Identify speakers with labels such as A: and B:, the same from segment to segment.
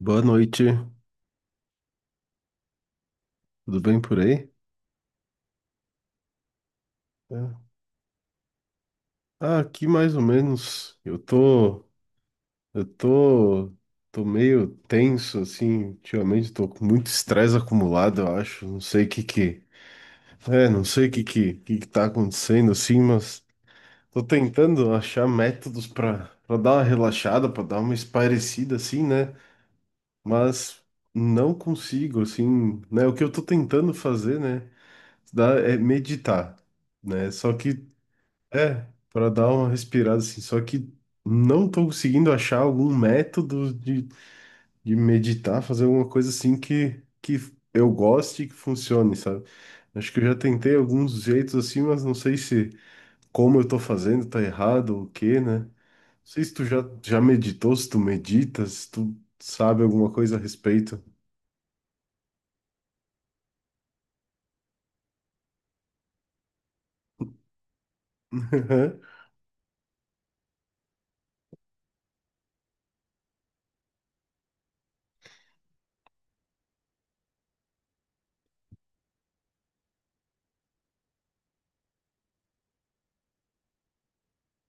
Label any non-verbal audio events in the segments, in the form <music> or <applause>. A: Boa noite, tudo bem por aí? É. Ah, aqui mais ou menos. Eu tô, tô meio tenso assim, ultimamente tô com muito estresse acumulado, eu acho. Não sei o que que, é, Não sei o que que, que tá acontecendo assim, mas tô tentando achar métodos pra para dar uma relaxada, pra dar uma espairecida assim, né? Mas não consigo assim, né? O que eu tô tentando fazer, né? É meditar, né? Só que é, para dar uma respirada assim. Só que não tô conseguindo achar algum método de meditar, fazer alguma coisa assim que eu goste e que funcione, sabe? Acho que eu já tentei alguns jeitos assim, mas não sei se como eu tô fazendo tá errado ou o quê, né? Não sei se tu já, já meditou, se tu meditas, se tu sabe alguma coisa a respeito. <laughs>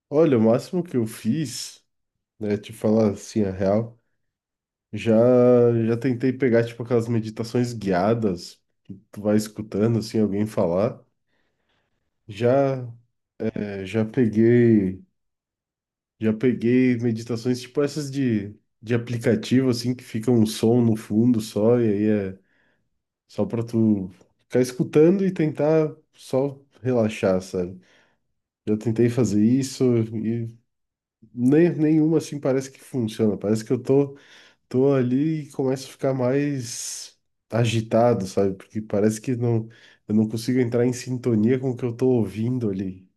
A: Olha, o máximo que eu fiz, né, te falar assim a real. Já, já tentei pegar, tipo, aquelas meditações guiadas que tu vai escutando, assim, alguém falar. Já, é, já peguei, já peguei meditações, tipo, essas de aplicativo, assim, que fica um som no fundo só, e aí é só pra tu ficar escutando e tentar só relaxar, sabe? Já tentei fazer isso e nem, nenhuma, assim, parece que funciona. Parece que eu tô, tô ali e começo a ficar mais agitado, sabe? Porque parece que não, eu não consigo entrar em sintonia com o que eu tô ouvindo ali.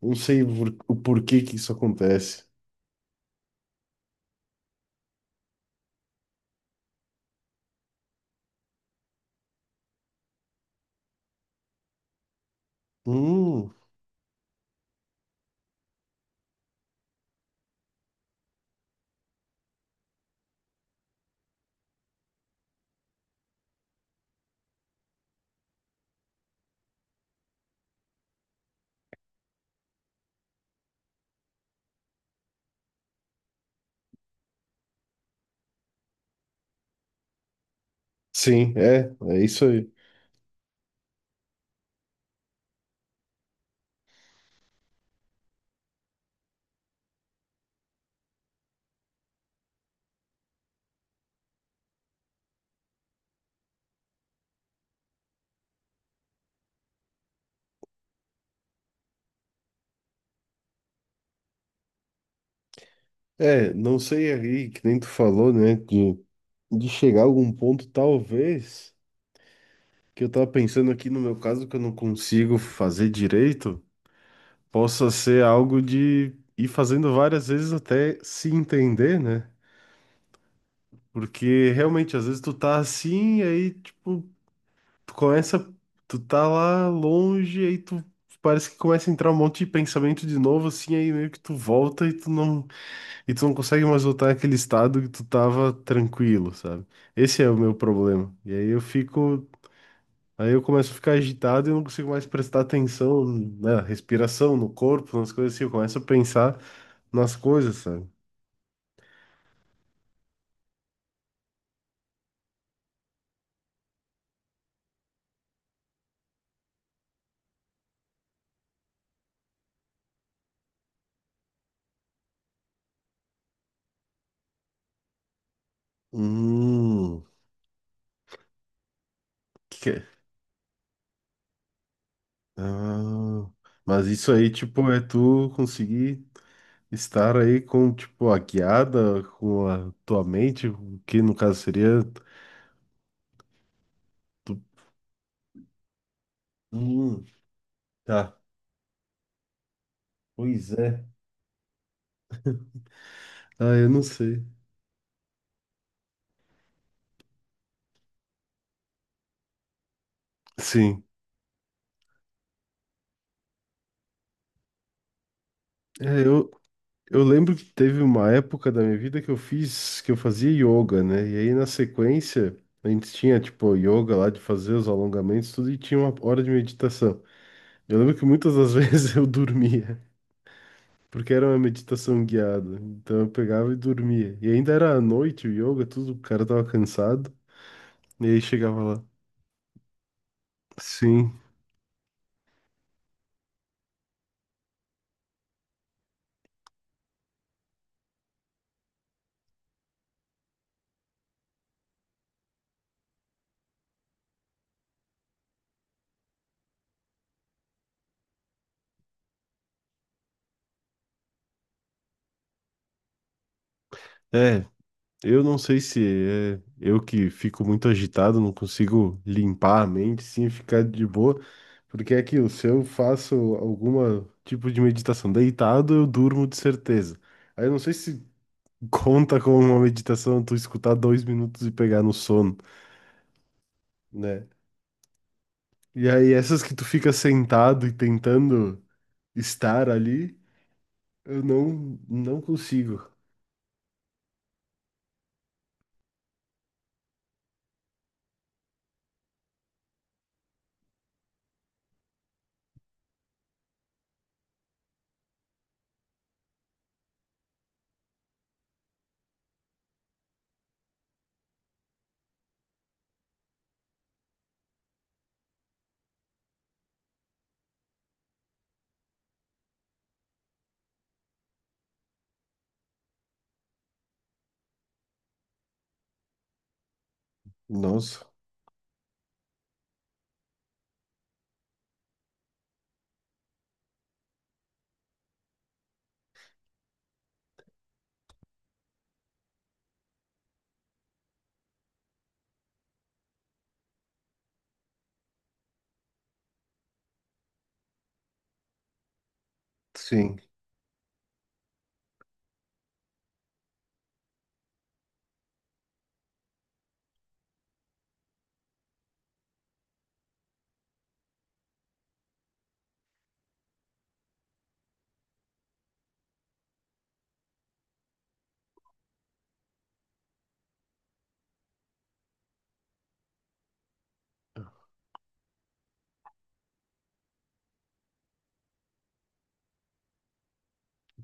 A: Não sei o porquê que isso acontece. Hum, sim, é, é isso aí. É, não sei aí, que nem tu falou, né, de chegar a algum ponto, talvez, que eu tava pensando aqui no meu caso, que eu não consigo fazer direito, possa ser algo de ir fazendo várias vezes até se entender, né? Porque realmente, às vezes tu tá assim, aí, tipo, tu começa, tu tá lá longe, aí tu parece que começa a entrar um monte de pensamento de novo, assim, aí meio que tu volta e tu não consegue mais voltar naquele estado que tu tava tranquilo, sabe? Esse é o meu problema. E aí eu fico, aí eu começo a ficar agitado e eu não consigo mais prestar atenção na respiração, no corpo, nas coisas assim, eu começo a pensar nas coisas, sabe? Hum. Ah, mas isso aí, tipo, é tu conseguir estar aí com, tipo, a guiada, com a tua mente, o que no caso seria. Tu... Hum, tá. Pois é. Ah, eu não sei. Sim. É, eu lembro que teve uma época da minha vida que eu fazia yoga, né? E aí na sequência, a gente tinha, tipo, yoga lá de fazer os alongamentos, tudo, e tinha uma hora de meditação. Eu lembro que muitas das <laughs> vezes eu dormia. Porque era uma meditação guiada. Então eu pegava e dormia. E ainda era à noite, o yoga, tudo, o cara tava cansado. E aí chegava lá. Sim. É, eu não sei se é eu que fico muito agitado, não consigo limpar a mente, sim, ficar de boa. Porque é aquilo, se eu faço alguma tipo de meditação deitado, eu durmo de certeza. Aí eu não sei se <laughs> conta como uma meditação tu escutar 2 minutos e pegar no sono, né? E aí essas que tu fica sentado e tentando estar ali, eu não, não consigo. Nossa, sim.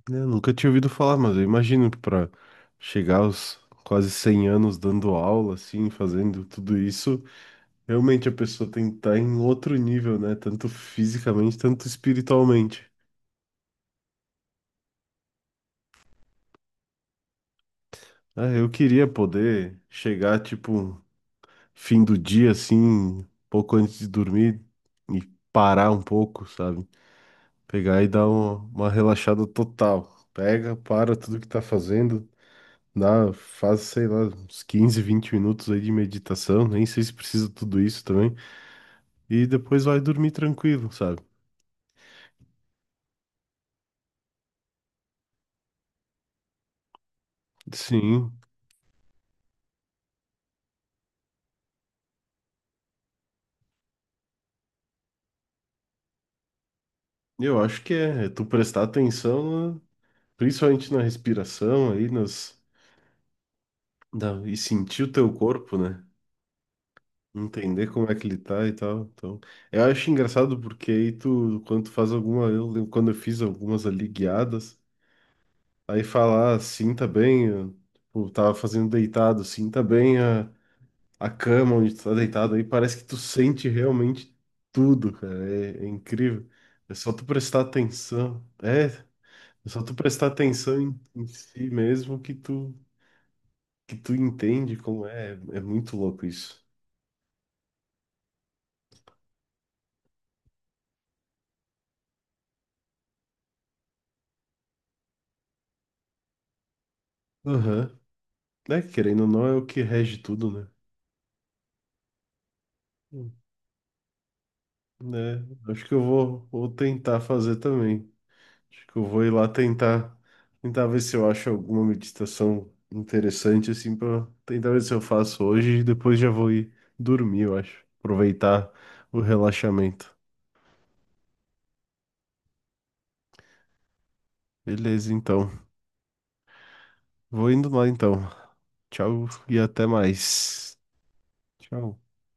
A: Eu nunca tinha ouvido falar, mas eu imagino para chegar aos quase 100 anos dando aula, assim, fazendo tudo isso, realmente a pessoa tem que estar em outro nível, né? Tanto fisicamente, tanto espiritualmente. Ah, eu queria poder chegar, tipo, fim do dia, assim, pouco antes de dormir e parar um pouco, sabe? Pegar e dar uma relaxada total. Pega, para tudo que tá fazendo, dá, faz, sei lá, uns 15 20 minutos aí de meditação, nem sei se precisa tudo isso também, e depois vai dormir tranquilo, sabe? Sim, eu acho que é, é tu prestar atenção, principalmente na respiração aí, e sentir o teu corpo, né? Entender como é que ele tá e tal. Então, eu acho engraçado porque aí tu, quando tu faz alguma, eu lembro quando eu fiz algumas ali guiadas, aí falar, sinta bem, eu, tipo, tava fazendo deitado, sinta bem a cama onde tu tá deitado, aí parece que tu sente realmente tudo, cara, é, é incrível. É só tu prestar atenção, é, é só tu prestar atenção em si mesmo que tu entende como é, é muito louco isso. Aham, né, querendo ou não é o que rege tudo, né? Hum. Né, acho que eu vou, vou tentar fazer também. Acho que eu vou ir lá tentar, tentar ver se eu acho alguma meditação interessante, assim, para tentar ver se eu faço hoje e depois já vou ir dormir, eu acho. Aproveitar o relaxamento. Beleza, então. Vou indo lá, então. Tchau e até mais. Tchau.